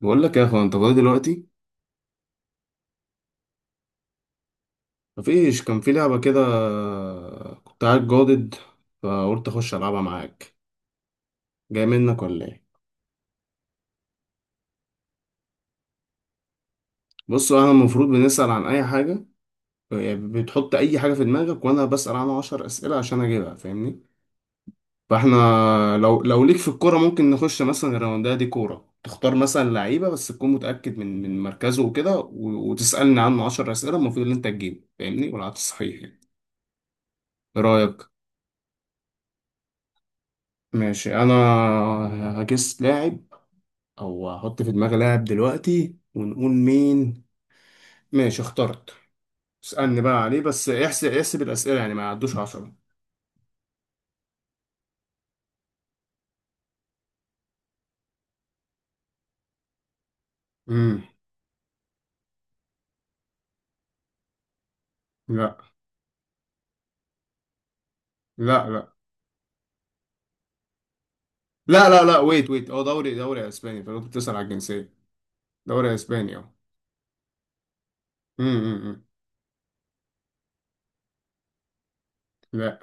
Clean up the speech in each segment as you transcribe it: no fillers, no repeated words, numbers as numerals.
بقول لك يا اخوان، انت فاضي دلوقتي؟ مفيش، كان في لعبه كده، كنت قاعد جادد، فقلت اخش العبها معاك. جاي منك ولا ايه؟ بص، انا المفروض بنسال عن اي حاجه، يعني بتحط اي حاجه في دماغك وانا بسال عنها 10 اسئله عشان اجيبها، فاهمني؟ فاحنا لو ليك في الكوره، ممكن نخش مثلا الراونديه، دي كوره تختار مثلا لعيبه بس تكون متاكد من مركزه وكده وتسالني عنه 10 اسئله المفروض ان انت تجيبه، فاهمني؟ والعكس صحيح يعني. ايه رايك؟ ماشي انا، هجس لاعب او هحط في دماغي لاعب دلوقتي ونقول مين. ماشي اخترت، اسألني بقى عليه، بس احسب احسب الأسئلة يعني ما يعدوش عشرة. امم. لا. لا لا. لا لا لا، ويت ويت، هو دوري دوري اسباني، فانت كنت بتسأل على الجنسية. دوري اسباني اهو. امم، أمم، أمم. لا.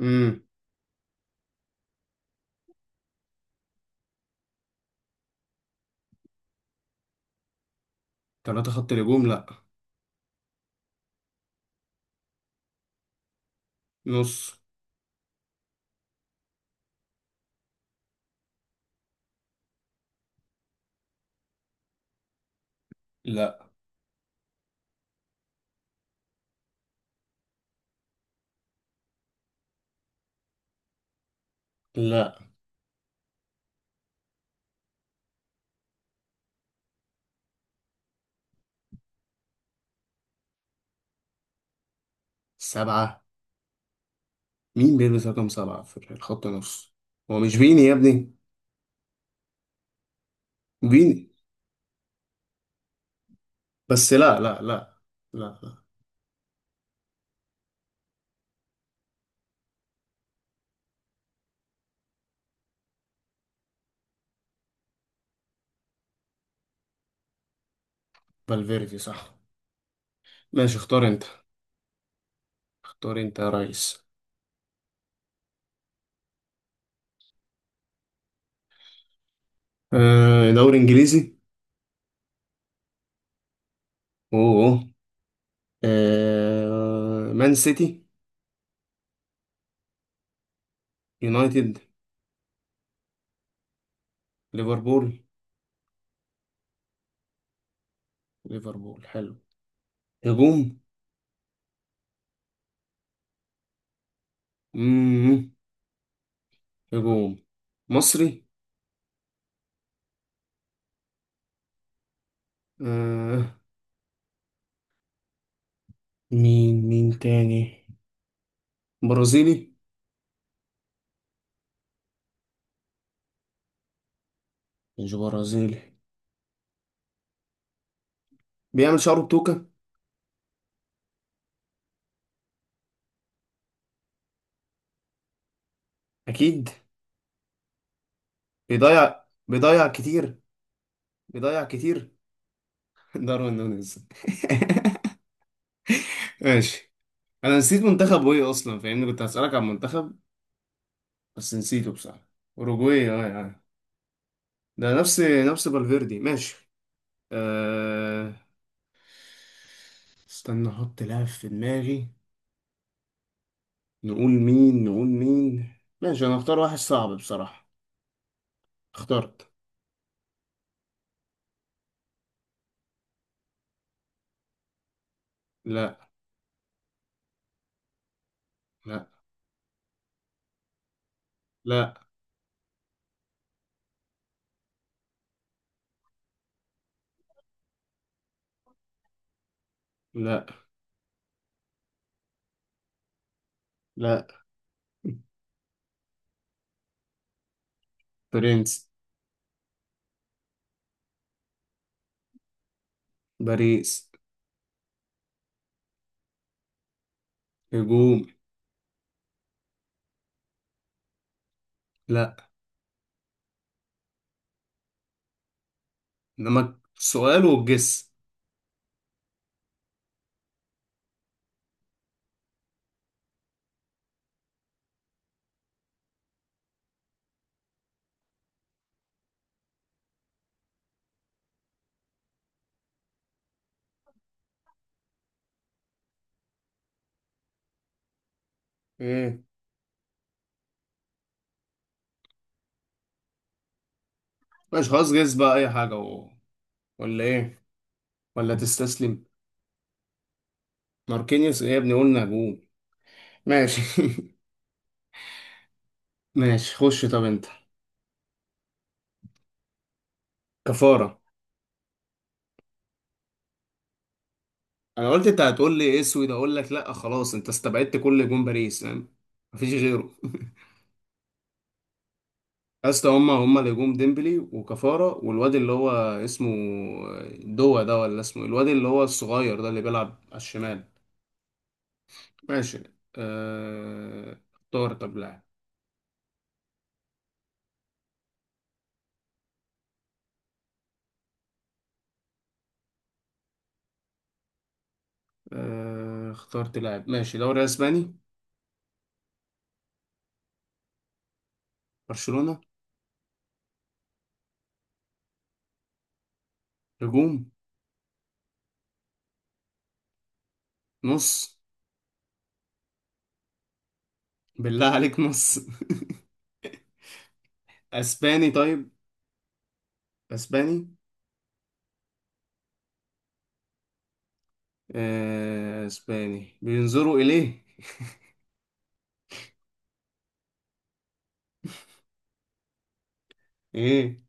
امم. ثلاثة خط هجوم؟ لا، نص. لا لا. سبعة؟ مين بيلبس رقم سبعة في الخط نص؟ هو مش فيني يا ابني؟ فيني؟ بس لا لا لا. لا لا. فالفيردي، صح. ماشي، اختار انت. اختار انت يا ريس. آه دوري انجليزي. اوه. آه مان سيتي. يونايتد. ليفربول. ليفربول، حلو. هجوم. مم. هجوم. مصري. آه. مين مين تاني. برازيلي. مش برازيلي، بيعمل شعره بتوكة. اكيد. بيضيع بيضيع كتير. بيضيع كتير. داروين نونيز. ماشي. انا نسيت منتخب ايه اصلا، فاهمني، كنت هسألك عن منتخب، بس نسيته بصراحة. أوروجواي، اه اه. ده نفس نفس فالفيردي، ماشي. أه... استنى أحط لاعب في دماغي، نقول مين نقول مين. ماشي، أنا أختار واحد صعب بصراحة. اخترت. لا. لا. لا. لا. لا. برنس. باريس. هجوم. لا. إنما سؤال والجس. إيه. ماشي خلاص، جس بقى أي حاجة ولا إيه؟ ولا تستسلم؟ ماركينيوس؟ إيه يا ابني، قلنا هجوم. ماشي. ماشي، خش طب أنت. كفارة. انا قلت انت هتقول لي اسود، اقول لك لا، خلاص انت استبعدت كل هجوم باريس، فاهم؟ مفيش غيره. يا اسطى، هما هما اللي هجوم: ديمبلي وكفارة والواد اللي هو اسمه دوا ده، ولا اسمه إيه؟ الواد اللي هو الصغير ده اللي بيلعب على الشمال. ماشي. اختار طب لاعب. اخترت لاعب. ماشي، دوري اسباني. برشلونة. هجوم. نص. بالله عليك، نص؟ اسباني؟ طيب. اسباني. اسباني بينظروا اليه؟ ايه؟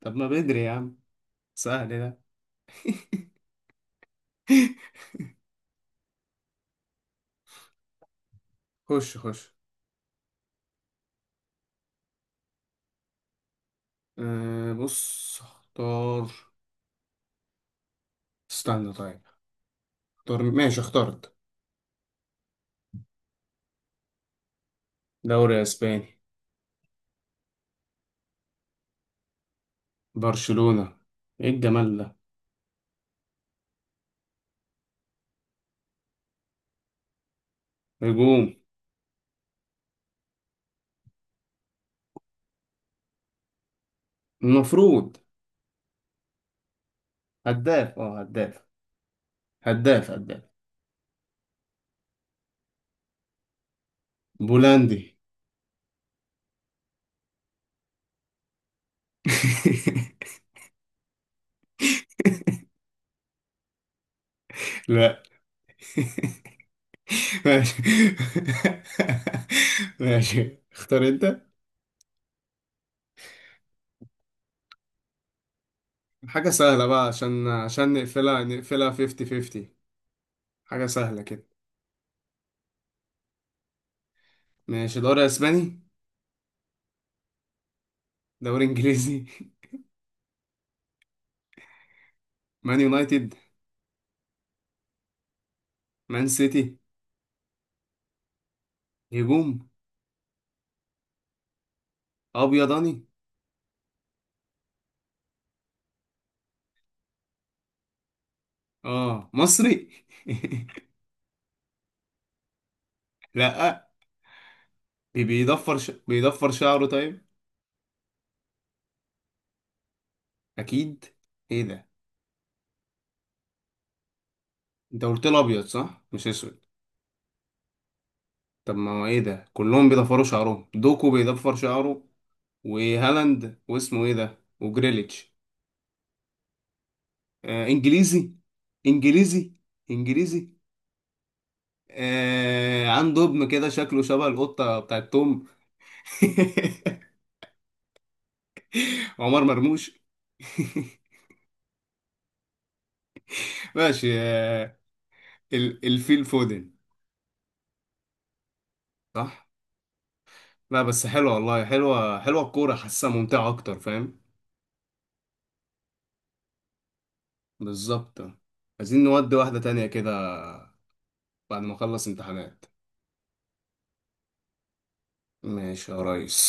طب ما بدري يا عم، سهل ده. خش خش. أه بص، اختار. استنى طيب. اختار. ماشي اخترت. دوري اسباني. برشلونة. ايه الجمال ده. هجوم. المفروض هداف. اه هداف. هداف هداف. بولندي. لا. ماشي. ماشي، اختار انت. حاجة سهلة بقى عشان نقفلها نقفلها 50 50. حاجة سهلة كده. ماشي، دوري اسباني. دوري انجليزي. مان يونايتد. مان سيتي. هجوم. ابيضاني. اه مصري. لا. بيضفر شعره طيب. اكيد. ايه ده. انت قلت له ابيض، صح؟ مش اسود. طب ما هو ايه ده، كلهم بيضفروا شعرهم: دوكو بيضفر شعره، وهالاند، واسمه ايه ده، وجريليتش. آه انجليزي. انجليزي. انجليزي. آه عنده ابن كده شكله شبه القطة بتاعت توم. عمر مرموش. ماشي آه، الفيل فودن. صح. لا بس حلوة، والله حلوة حلوة الكورة، حاسها ممتعة أكتر، فاهم؟ بالظبط. عايزين نودي واحدة تانية كده بعد ما أخلص امتحانات. ماشي يا ريس.